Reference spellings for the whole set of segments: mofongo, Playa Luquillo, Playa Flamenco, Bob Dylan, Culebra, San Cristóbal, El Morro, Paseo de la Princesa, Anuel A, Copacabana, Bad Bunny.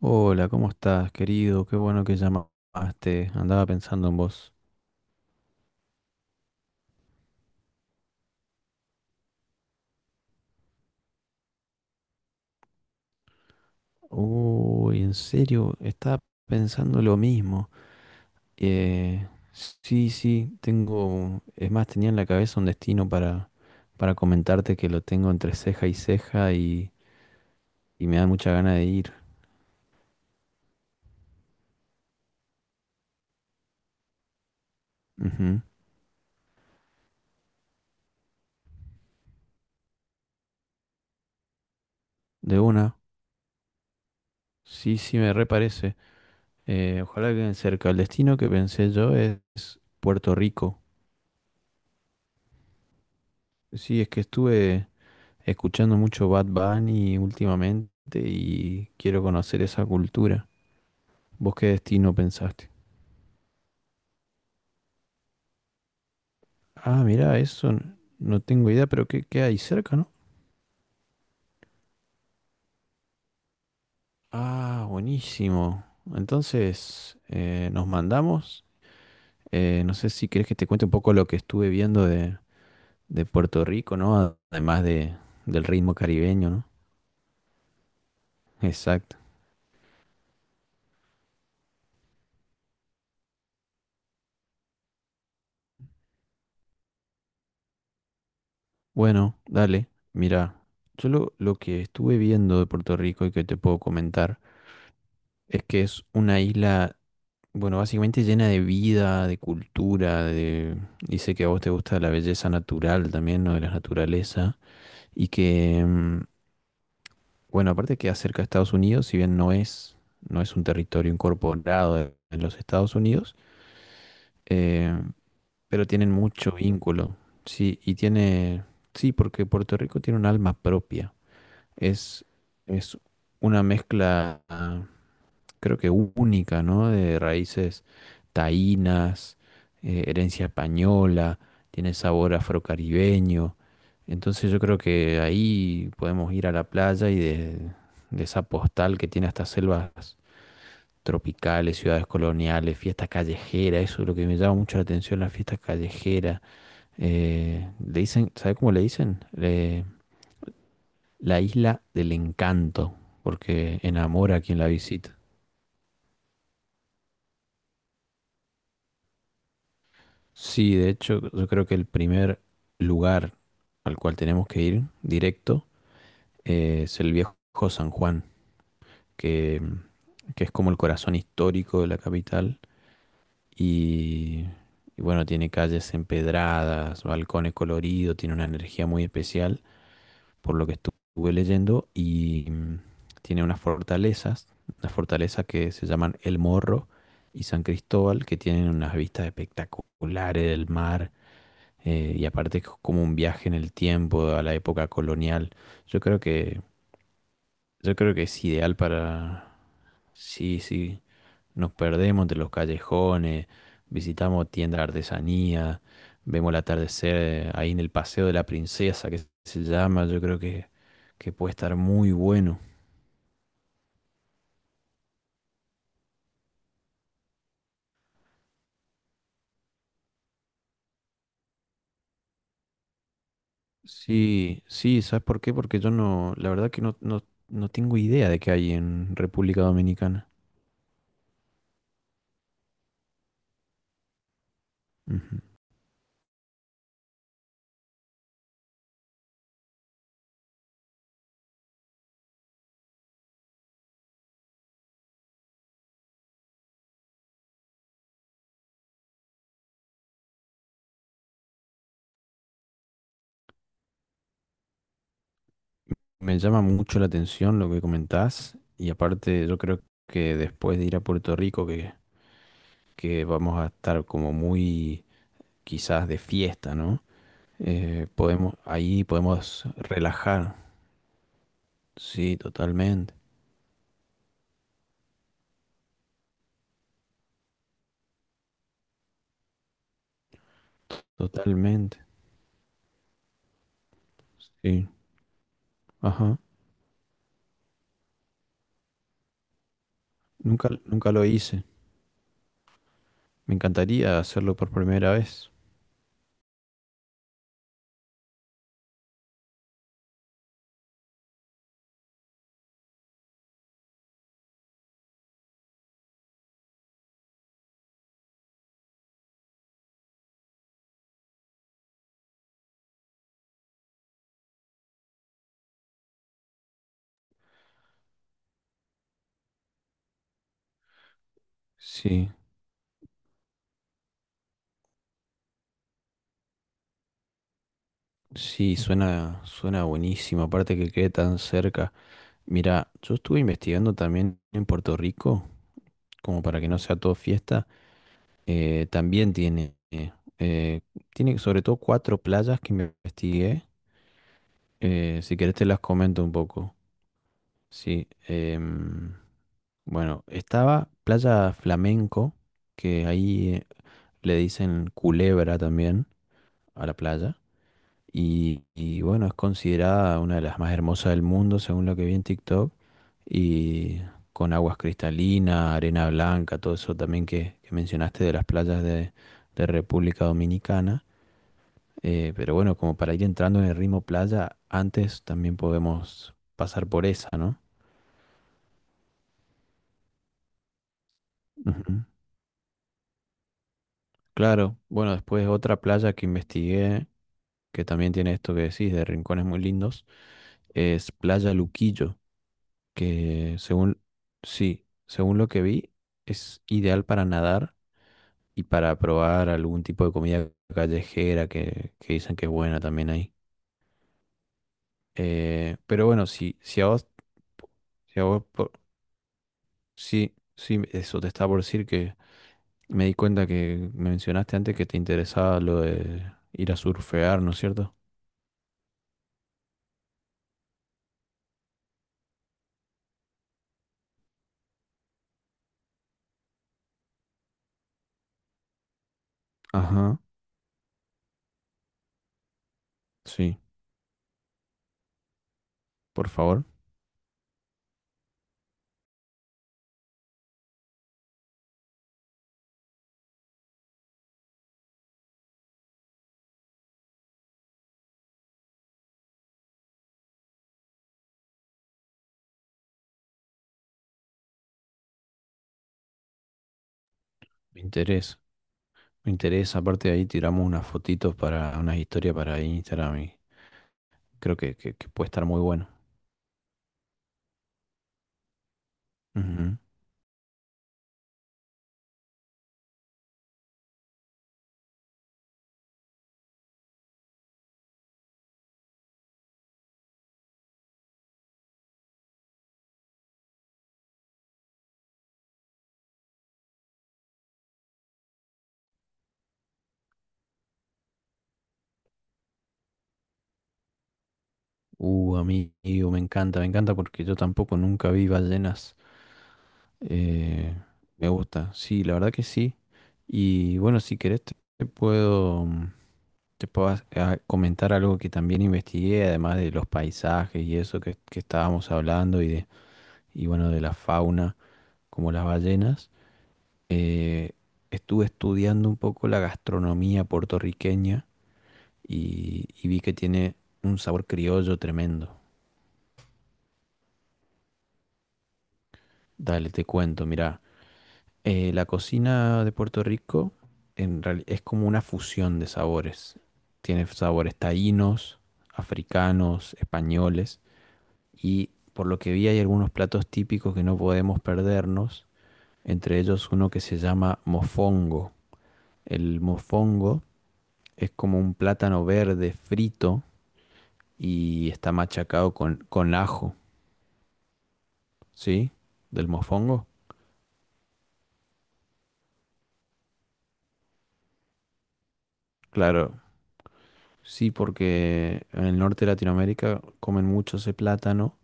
Hola, ¿cómo estás, querido? Qué bueno que llamaste. Andaba pensando en vos. Uy, en serio, estaba pensando lo mismo. Eh, sí, sí, tengo... Es más, tenía en la cabeza un destino para comentarte que lo tengo entre ceja y ceja y me da mucha gana de ir. Ujú. De una. Sí, sí, me reparece. Ojalá que cerca. El destino que pensé yo es Puerto Rico. Sí, es que estuve... escuchando mucho Bad Bunny últimamente y quiero conocer esa cultura. ¿Vos qué destino pensaste? Ah, mirá, eso no tengo idea, pero ¿qué hay cerca, no? Ah, buenísimo. Entonces, nos mandamos. No sé si querés que te cuente un poco lo que estuve viendo de Puerto Rico, ¿no? Además del ritmo caribeño, ¿no? Exacto. Bueno, dale, mira, lo que estuve viendo de Puerto Rico y que te puedo comentar es que es una isla, bueno, básicamente llena de vida, de cultura, de... Y sé que a vos te gusta la belleza natural también, ¿no? De la naturaleza. Y que, bueno, aparte que acerca a Estados Unidos, si bien no es un territorio incorporado en los Estados Unidos, eh, pero tienen mucho vínculo. Sí, y tiene... Sí, porque Puerto Rico tiene un alma propia. Es, es una mezcla... creo que única, ¿no? De raíces taínas, herencia española, tiene sabor afrocaribeño. Entonces yo creo que ahí podemos ir a la playa y de esa postal que tiene estas selvas tropicales, ciudades coloniales, fiestas callejeras, eso es lo que me llama mucho la atención, las fiestas callejeras. Le dicen, ¿sabe cómo le dicen? La isla del encanto, porque enamora a quien la visita. Sí, de hecho, yo creo que el primer lugar al cual tenemos que ir directo es el viejo San Juan, que, que es como el corazón histórico de la capital. Y, y bueno, tiene calles empedradas, balcones coloridos, tiene una energía muy especial, por lo que estuve leyendo, y tiene unas fortalezas que se llaman El Morro y San Cristóbal, que tienen unas vistas espectaculares del mar. Y aparte es como un viaje en el tiempo a la época colonial. Yo creo que, yo creo que es ideal para, sí, sí, nos perdemos de los callejones, visitamos tiendas de artesanía, vemos el atardecer ahí en el Paseo de la Princesa, que se llama, que puede estar muy bueno. Sí, sí, ¿sabes por qué? Porque yo no, la verdad que no tengo idea de qué hay en República Dominicana. Ujú. Me llama mucho la atención lo que comentás y aparte yo creo que después de ir a Puerto Rico que vamos a estar como muy quizás de fiesta, ¿no? Ahí podemos relajar, sí, totalmente, totalmente, sí, ajá, nunca, nunca lo hice, me encantaría hacerlo por primera vez, sí, sí, suena, suena buenísimo, aparte que quede tan cerca. Mira, yo estuve investigando también en Puerto Rico como para que no sea todo fiesta, eh, también tiene, eh, tiene sobre todo cuatro playas que me investigué. Si querés te las comento un poco. Sí, bueno, estaba Playa Flamenco, que ahí le dicen Culebra también a la playa. Y bueno, es considerada una de las más hermosas del mundo, según lo que vi en TikTok. Y con aguas cristalinas, arena blanca, todo eso también que mencionaste de las playas de República Dominicana. Pero bueno, como para ir entrando en el ritmo playa, antes también podemos pasar por esa, ¿no? Ujú. Claro, bueno, después otra playa que investigué, que también tiene esto que decís, de rincones muy lindos, es Playa Luquillo. Que según, sí, según lo que vi, es ideal para nadar y para probar algún tipo de comida callejera que dicen que es buena también ahí. Pero bueno, si, si a vos, si a vos por- sí, sí, eso te estaba por decir que me di cuenta que me mencionaste antes que te interesaba lo de ir a surfear, ¿no es cierto? Ajá, sí, por favor, me interesa, me interesa, aparte de ahí tiramos unas fotitos para, unas historias para Instagram y creo que puede estar muy bueno. Ujú. Amigo, me encanta porque yo tampoco nunca vi ballenas. Eh, Me gusta, sí, la verdad que sí. Y bueno, si querés te puedo, comentar algo que también investigué, además de los paisajes y eso que estábamos hablando y de, y bueno, de la fauna como las ballenas. Eh, Estuve estudiando un poco la gastronomía puertorriqueña y vi que tiene un sabor criollo tremendo. Dale, te cuento, mira, la cocina de Puerto Rico es como una fusión de sabores. Tiene sabores taínos, africanos, españoles y por lo que vi hay algunos platos típicos que no podemos perdernos, entre ellos uno que se llama mofongo. El mofongo es como un plátano verde frito y está machacado con ajo, ¿sí? Del mofongo. Claro, sí, porque en el norte de Latinoamérica comen mucho ese plátano,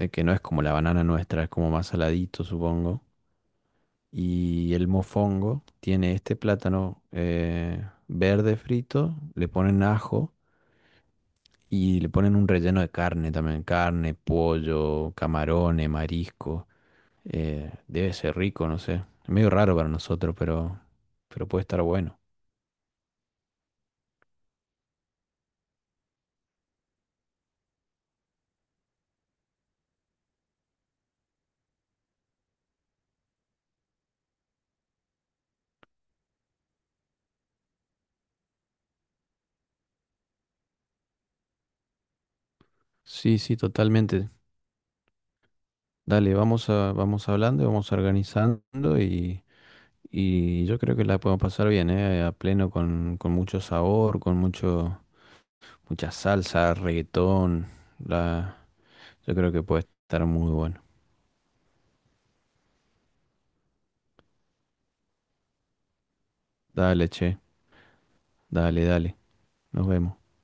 que no es como la banana nuestra, es como más saladito, supongo. Y el mofongo tiene este plátano verde frito, le ponen ajo y le ponen un relleno de carne también, carne, pollo, camarones, marisco. Debe ser rico, no sé. Es medio raro para nosotros, pero puede estar bueno. Sí, sí, totalmente. Dale, vamos hablando y vamos organizando y yo creo que la podemos pasar bien, ¿eh? A pleno con mucho sabor, con mucho, mucha salsa, reggaetón. La, yo creo que puede estar muy bueno. Dale, che, dale, dale. Nos vemos.